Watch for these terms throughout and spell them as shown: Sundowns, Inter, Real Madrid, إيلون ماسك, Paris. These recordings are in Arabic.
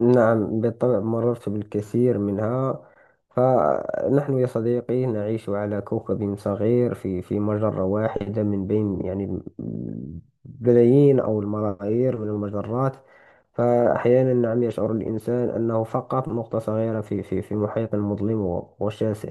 نعم بالطبع مررت بالكثير منها. فنحن يا صديقي نعيش على كوكب صغير في مجرة واحدة من بين بلايين أو الملايير من المجرات. فأحيانا نعم يشعر الإنسان أنه فقط نقطة صغيرة في محيط مظلم وشاسع.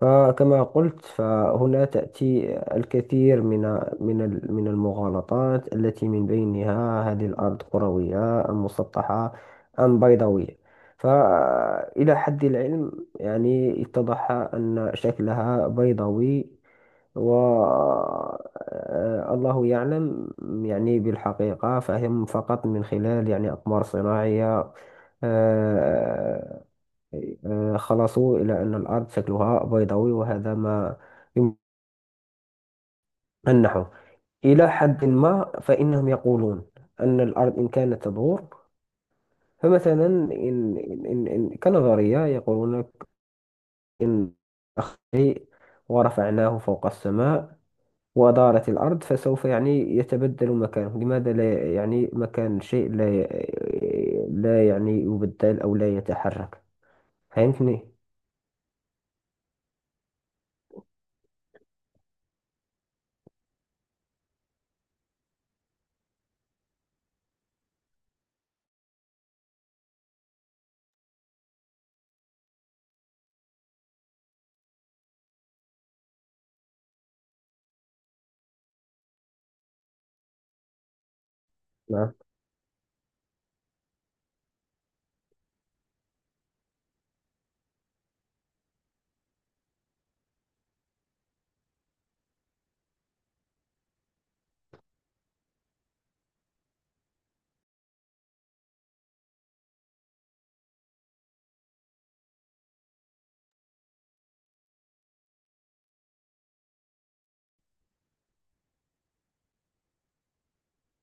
فكما قلت، فهنا تأتي الكثير من المغالطات، التي من بينها هذه الأرض كروية أم مسطحة أم بيضاوية. فإلى حد العلم، اتضح أن شكلها بيضاوي. و الله يعلم. يعني بالحقيقة، فهم فقط من خلال أقمار صناعية آه، خلصوا إلى أن الأرض شكلها بيضاوي، وهذا ما يمنحه إلى حد ما. فإنهم يقولون أن الأرض إن كانت تدور، فمثلا كنظرية يقولون إن أخذ شيء ورفعناه فوق السماء ودارت الأرض، فسوف يتبدل مكانه. لماذا لا مكان الشيء لا لا يبدل أو لا يتحرك؟ فهمتني؟ نعم،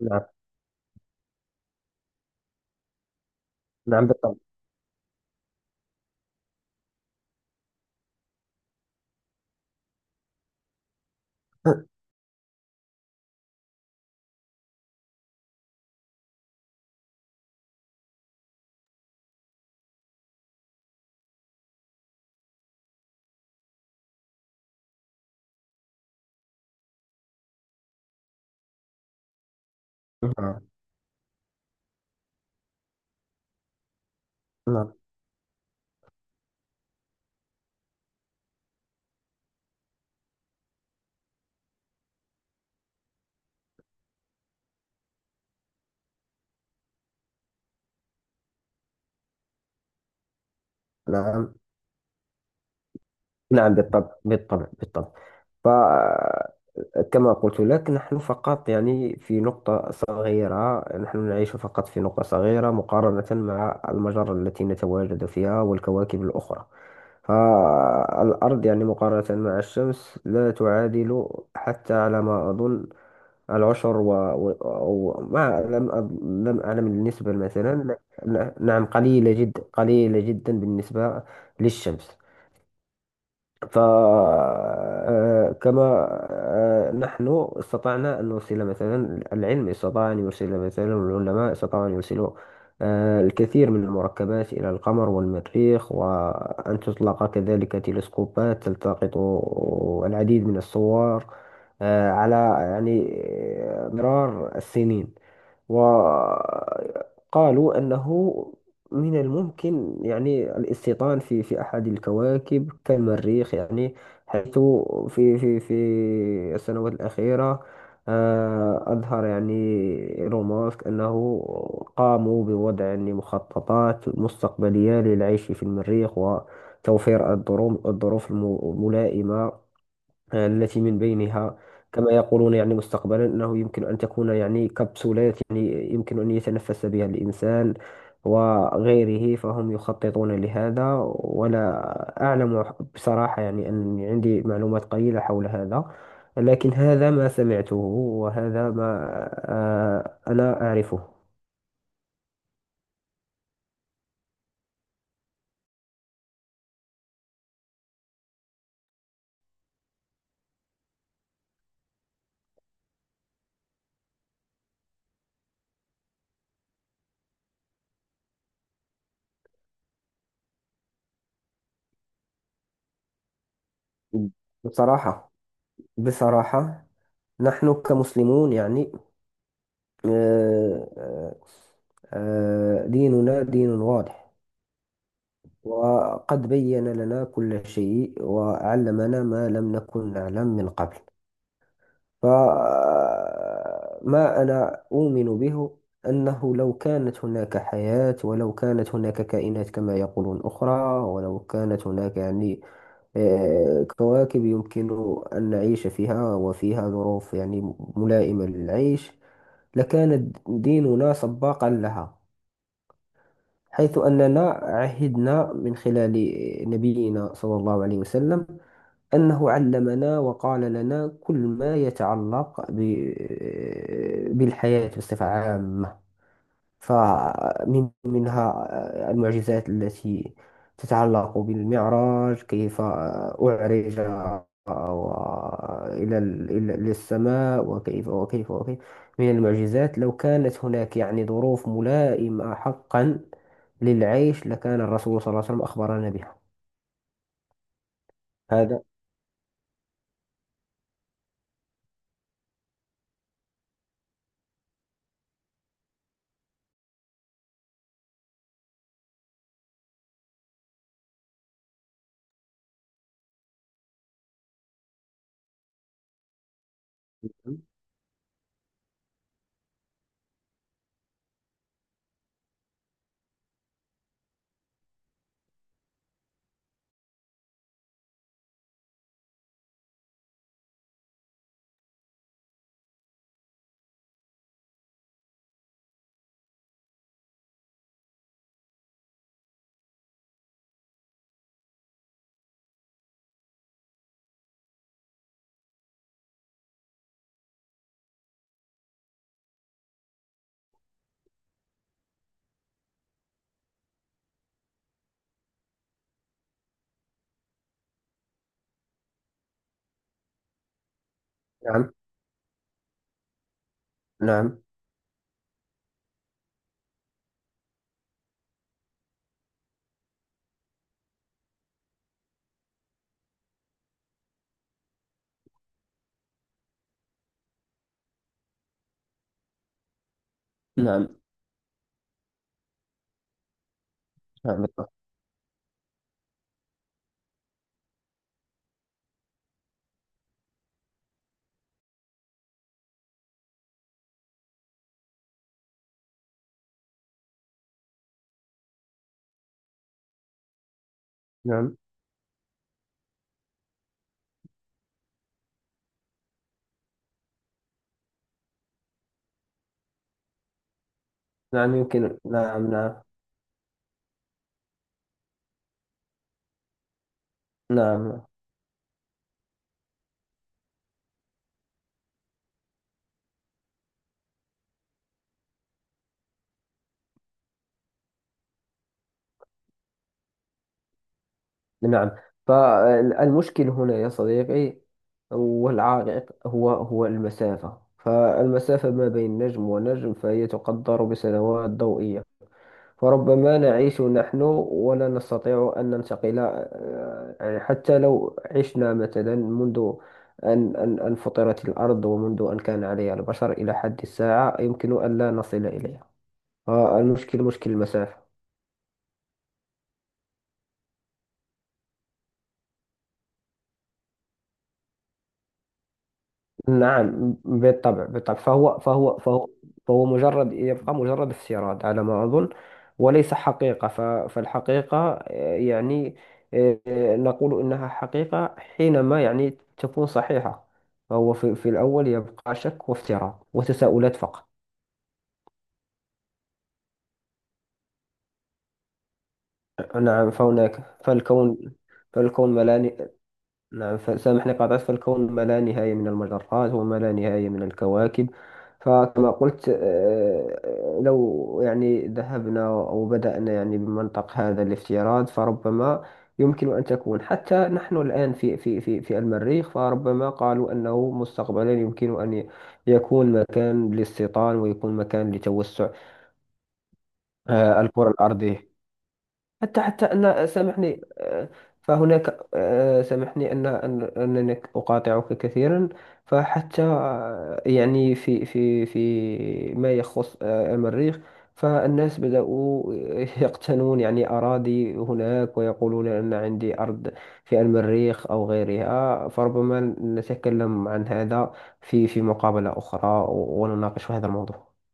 نعم، نعم بالطبع. نعم، نعم. نعم، نعم بالطبع، بالطبع، بالطبع. فكما قلت لك، نحن فقط في نقطة صغيرة، نحن نعيش فقط في نقطة صغيرة مقارنة مع المجرة التي نتواجد فيها والكواكب الأخرى. فالأرض مقارنة مع الشمس لا تعادل حتى على ما أظن العشر ما لم أعلم النسبة مثلا. نعم، قليلة جدا، قليلة جدا بالنسبة للشمس. فكما نحن استطعنا أن نرسل، مثلا، العلم استطاع أن يرسل، مثلا، العلماء استطاعوا أن يرسلوا الكثير من المركبات إلى القمر والمريخ، وأن تطلق كذلك تلسكوبات تلتقط العديد من الصور على يعني مرار السنين. وقالوا أنه من الممكن الاستيطان في أحد الكواكب كالمريخ، يعني حيث في السنوات الأخيرة أظهر يعني إيلون ماسك أنه قاموا بوضع مخططات مستقبلية للعيش في المريخ، وتوفير الظروف الملائمة التي من بينها، كما يقولون، يعني مستقبلا، أنه يمكن أن تكون يعني كبسولات يعني يمكن أن يتنفس بها الإنسان وغيره. فهم يخططون لهذا، ولا أعلم بصراحة، يعني أن عندي معلومات قليلة حول هذا، لكن هذا ما سمعته وهذا ما أنا أعرفه. بصراحة، بصراحة، نحن كمسلمون، يعني آه، آه، ديننا دين واضح، وقد بين لنا كل شيء وعلمنا ما لم نكن نعلم من قبل. فما أنا أؤمن به أنه لو كانت هناك حياة، ولو كانت هناك كائنات كما يقولون أخرى، ولو كانت هناك يعني كواكب يمكن أن نعيش فيها وفيها ظروف يعني ملائمة للعيش، لكان ديننا سباقا لها. حيث أننا عهدنا من خلال نبينا صلى الله عليه وسلم أنه علمنا وقال لنا كل ما يتعلق بالحياة بصفة عامة. فمن منها المعجزات التي تتعلق بالمعراج، كيف أعرج إلى السماء، وكيف من المعجزات. لو كانت هناك يعني ظروف ملائمة حقا للعيش، لكان الرسول صلى الله عليه وسلم أخبرنا بها. هذا. نعم، نعم، نعم، نعم بالطبع. نعم، نعم يمكن، نعم، نعم، نعم، نعم. فالمشكل هنا يا صديقي والعائق هو المسافة. فالمسافة ما بين نجم ونجم فهي تقدر بسنوات ضوئية. فربما نعيش نحن ولا نستطيع أن ننتقل، يعني حتى لو عشنا مثلا منذ أن فطرت الأرض ومنذ أن كان عليها البشر إلى حد الساعة، يمكن أن لا نصل إليها. فالمشكل مشكل المسافة. نعم بالطبع، بالطبع. فهو فهو مجرد، يبقى مجرد استيراد على ما أظن، وليس حقيقة. فالحقيقة يعني نقول إنها حقيقة حينما يعني تكون صحيحة. فهو في الأول يبقى شك وافتراء وتساؤلات فقط. نعم. فهناك، فالكون، فالكون ملاني. نعم، فسامحني قاطعت. فالكون ما لا نهاية من المجرات وما لا نهاية من الكواكب. فكما قلت لو يعني ذهبنا أو بدأنا يعني بمنطق هذا الافتراض، فربما يمكن أن تكون حتى نحن الآن في المريخ. فربما قالوا أنه مستقبلا يمكن أن يكون مكان للاستيطان ويكون مكان لتوسع الكرة الأرضية. حتى أن سامحني فهناك، سامحني أنني أقاطعك كثيرا. فحتى يعني في ما يخص المريخ، فالناس بدأوا يقتنون يعني أراضي هناك، ويقولون أن عندي أرض في المريخ أو غيرها. فربما نتكلم عن هذا في مقابلة أخرى، ونناقش هذا الموضوع.